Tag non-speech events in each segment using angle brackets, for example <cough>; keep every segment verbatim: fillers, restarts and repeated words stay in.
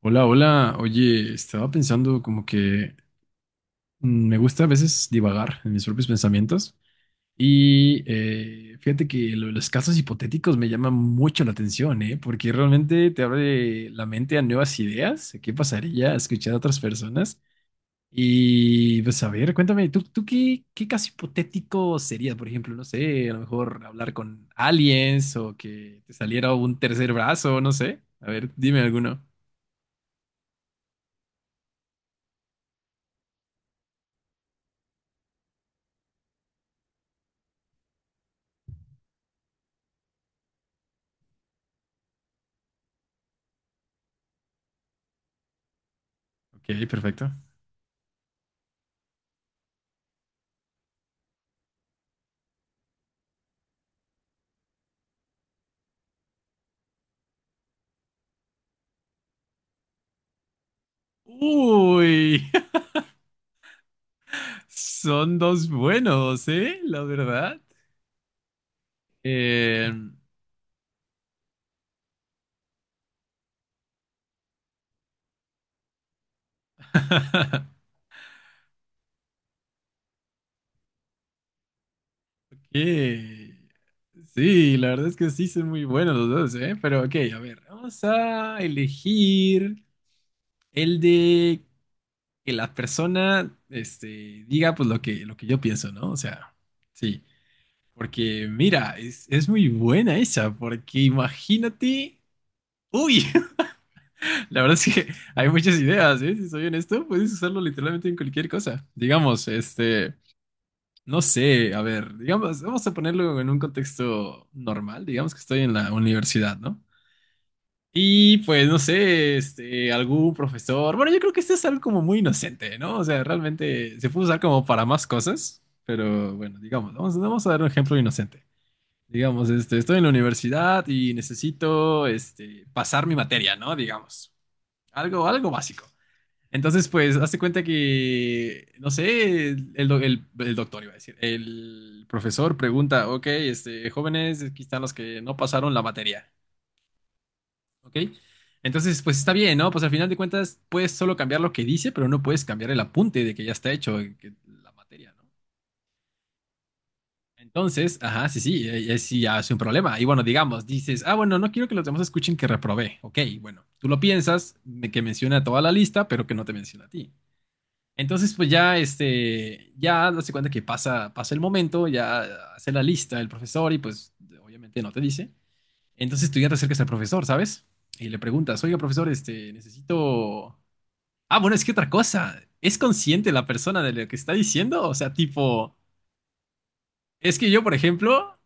Hola, hola. Oye, estaba pensando como que mm, me gusta a veces divagar en mis propios pensamientos y eh, fíjate que lo de los casos hipotéticos me llaman mucho la atención, ¿eh? Porque realmente te abre la mente a nuevas ideas, a qué pasaría a escuchar a otras personas. Y pues a ver, cuéntame, ¿tú, tú qué, qué caso hipotético sería? Por ejemplo, no sé, a lo mejor hablar con aliens o que te saliera un tercer brazo, no sé. A ver, dime alguno. Ok, perfecto. Uy, <laughs> son dos buenos, ¿eh? La verdad. Eh, <laughs> que- Sí, la verdad es que sí son muy buenos los dos, ¿eh? Pero ok, a ver, vamos a elegir el de que la persona, este, diga pues lo que, lo que yo pienso, ¿no? O sea, sí. Porque mira, es, es muy buena esa, porque imagínate... Uy, <laughs> la verdad es que <laughs> hay muchas ideas, ¿eh? Si soy honesto, puedes usarlo literalmente en cualquier cosa. Digamos, este, no sé, a ver, digamos, vamos a ponerlo en un contexto normal, digamos que estoy en la universidad, ¿no? Y pues, no sé, este, algún profesor, bueno, yo creo que este es algo como muy inocente, ¿no? O sea, realmente se puede usar como para más cosas, pero bueno, digamos, vamos, vamos a dar un ejemplo inocente. Digamos, este, estoy en la universidad y necesito, este, pasar mi materia, ¿no? Digamos, algo, algo básico. Entonces, pues, hazte cuenta que, no sé, el, do- el- el doctor iba a decir, el profesor pregunta, ok, este, jóvenes, aquí están los que no pasaron la materia, ¿ok? Entonces, pues está bien, ¿no? Pues al final de cuentas puedes solo cambiar lo que dice, pero no puedes cambiar el apunte de que ya está hecho eh, que la materia, ¿no? Entonces, ajá, sí, sí, eh, eh, sí, ya es un problema. Y bueno, digamos, dices, ah, bueno, no quiero que los demás escuchen que reprobé, ok, bueno, tú lo piensas, me- que menciona a toda la lista, pero que no te menciona a ti. Entonces, pues ya, este, ya hace cuenta que pasa, pasa el momento, ya hace la lista el profesor y pues obviamente no te dice. Entonces tú ya te acercas al profesor, ¿sabes? Y le preguntas, oiga, profesor, este, necesito... Ah, bueno, es que otra cosa, ¿es consciente la persona de lo que está diciendo? O sea, tipo, es que yo, por ejemplo...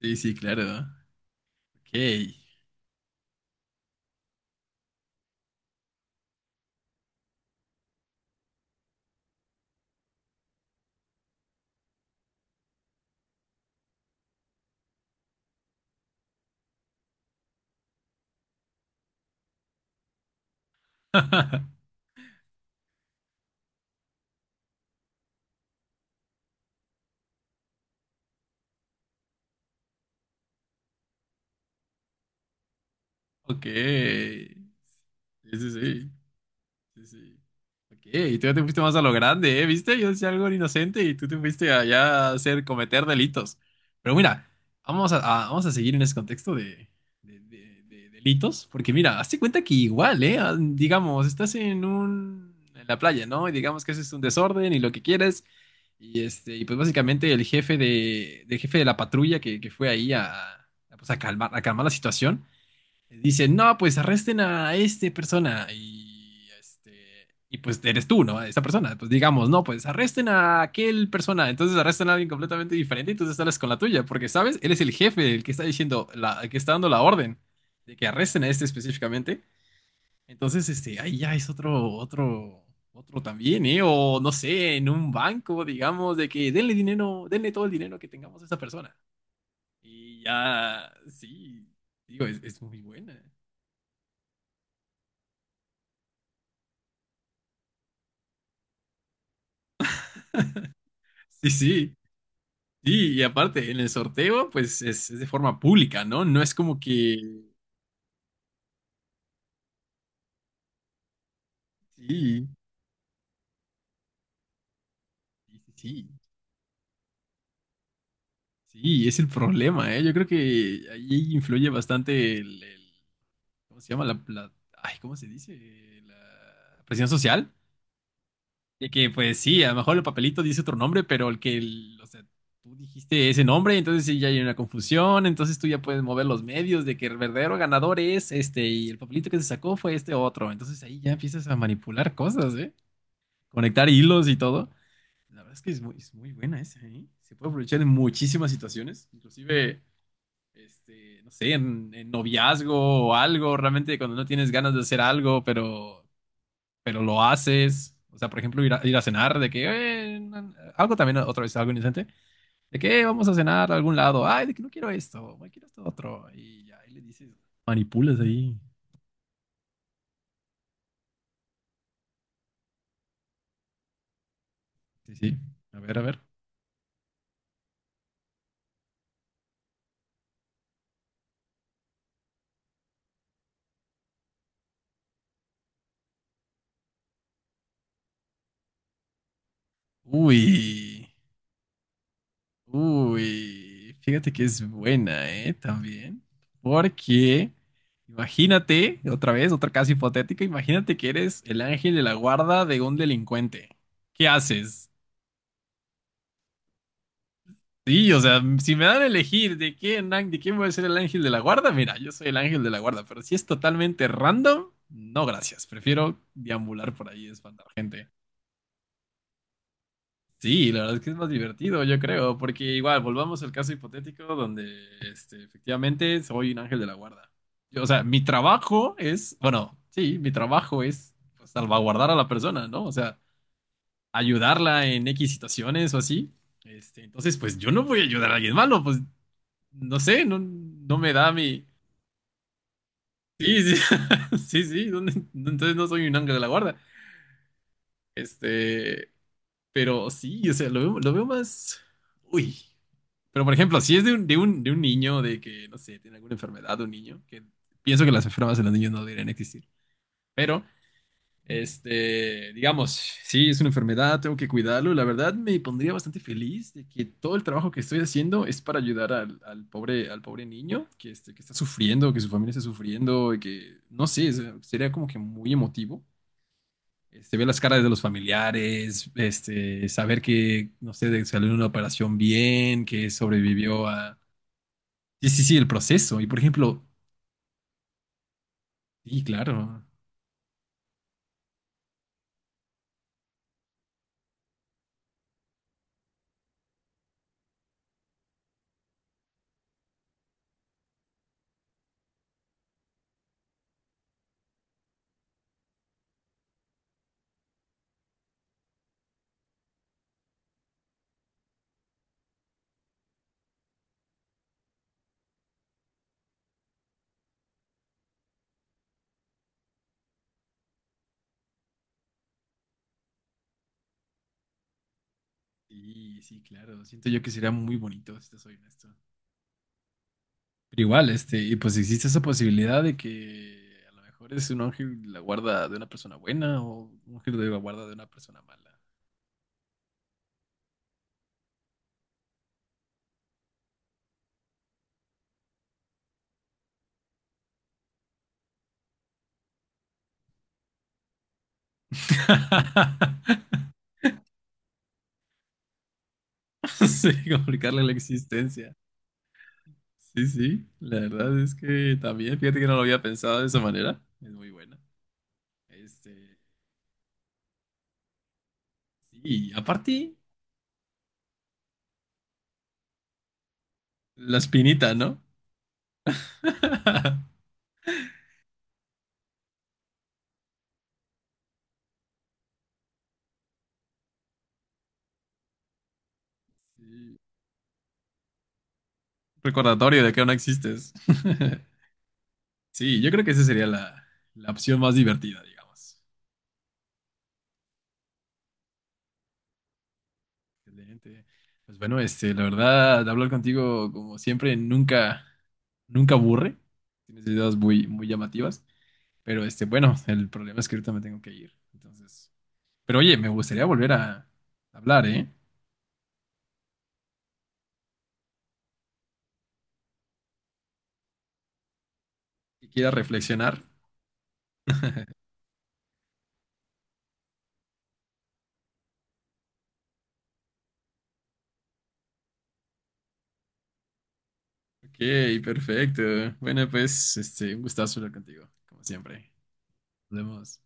Sí, sí, claro. ¿No? Ok. <laughs> Ok. Sí, sí, sí. Sí, sí. Ok, y tú ya te fuiste más a lo grande, ¿eh? ¿Viste? Yo decía algo inocente y tú te fuiste allá a hacer cometer delitos. Pero mira, vamos a, a- vamos a seguir en ese contexto de, de- de- de delitos, porque mira, hazte cuenta que igual, ¿eh? Ah, digamos, estás en un, en la playa, ¿no? Y digamos que haces un desorden y lo que quieres. Y este, y pues básicamente el jefe de, del jefe de la patrulla que, que fue ahí a, a, pues a calmar, a calmar la situación dicen, no, pues arresten a este persona y, este, y pues eres tú, ¿no? Esa persona. Pues digamos, no, pues arresten a aquel persona. Entonces arrestan a alguien completamente diferente y tú te sales con la tuya, porque, ¿sabes? Él es el jefe, el que está diciendo, la, el que está dando la orden de que arresten a este específicamente. Entonces, este, ahí ya es otro, otro, otro también, ¿eh? O no sé, en un banco, digamos, de que denle dinero, denle todo el dinero que tengamos a esa persona. Y ya, sí, digo, es, es muy buena. Sí, sí, sí, y aparte, en el sorteo, pues es, es de forma pública, ¿no? No es como que... Sí, sí, sí, sí, es el problema, ¿eh? Yo creo que ahí influye bastante el... el- ¿cómo se llama? La, la- Ay, ¿cómo se dice? La presión social. De que, pues sí, a lo mejor el papelito dice otro nombre, pero el que, el- o sea, tú dijiste ese nombre, entonces sí, ya hay una confusión, entonces tú ya puedes mover los medios de que el verdadero ganador es este y el papelito que se sacó fue este otro. Entonces ahí ya empiezas a manipular cosas, ¿eh? Conectar hilos y todo. La verdad es que es muy, es muy buena esa, ¿eh? Se puede aprovechar en muchísimas situaciones, inclusive, este, no sé, en, en noviazgo o algo, realmente cuando no tienes ganas de hacer algo, pero pero lo haces. O sea, por ejemplo, ir a, ir a cenar, de que eh, no- algo también, otra vez, algo inocente, de que eh, vamos a cenar a algún lado, ay, de que no quiero esto, ay, quiero esto otro, y ya, y le dices, manipulas ahí. Sí, sí, a ver, a ver. Uy, uy, fíjate que es buena, ¿eh? También, porque imagínate, otra vez, otra casa hipotética, imagínate que eres el ángel de la guarda de un delincuente. ¿Qué haces? Sí, o sea, si me dan a elegir de quién, an- de quién voy a ser el ángel de la guarda, mira, yo soy el ángel de la guarda, pero si es totalmente random, no gracias, prefiero deambular por ahí y espantar gente. Sí, la verdad es que es más divertido, yo creo, porque igual, volvamos al caso hipotético donde este, efectivamente soy un ángel de la guarda. Yo, o sea, mi trabajo es, bueno, sí, mi trabajo es pues, salvaguardar a la persona, ¿no? O sea, ayudarla en X situaciones o así. Este, entonces, pues yo no voy a ayudar a alguien malo, pues no sé, no, no me da mi. Sí, sí, <laughs> sí, sí, ¿dónde- entonces no soy un ángel de la guarda. Este, pero sí, o sea, lo veo, lo veo más. Uy. Pero por ejemplo, si es de un, de un, de un niño, de que, no sé, tiene alguna enfermedad, un niño, que pienso que las enfermedades en los niños no deberían existir. Pero Este, digamos, sí, es una enfermedad, tengo que cuidarlo. La verdad me pondría bastante feliz de que todo el trabajo que estoy haciendo es para ayudar al, al pobre, al pobre niño que, este, que está sufriendo, que su familia está sufriendo, y que, no sé, es- sería como que muy emotivo. Este, ver las caras de los familiares, este, saber que, no sé, de- salió de una operación bien, que sobrevivió a... Sí, sí, sí, el proceso. Y por ejemplo, sí, claro. Sí, sí, claro. Siento yo que sería muy bonito, si te soy honesto. Pero igual, este, y pues existe esa posibilidad de que a lo mejor es un ángel de la guarda de una persona buena o un ángel de la guarda de una persona mala. <laughs> Sí, complicarle la existencia. Sí, sí, la verdad es que también, fíjate que no lo había pensado de esa manera. Es muy buena. Este, sí, y aparte, la espinita, ¿no? <laughs> Sí, recordatorio de que aún no existes. <laughs> Sí, yo creo que esa sería la, la opción más divertida, digamos. Excelente. Pues bueno, este, la verdad, hablar contigo, como siempre, nunca, nunca aburre. Tienes ideas muy, muy llamativas. Pero este, bueno, el problema es que ahorita me tengo que ir. Entonces. Pero oye, me gustaría volver a hablar, ¿eh? Que quiera reflexionar. Ok, perfecto. Bueno, pues, este, un gustazo hablar contigo, como siempre. Nos vemos.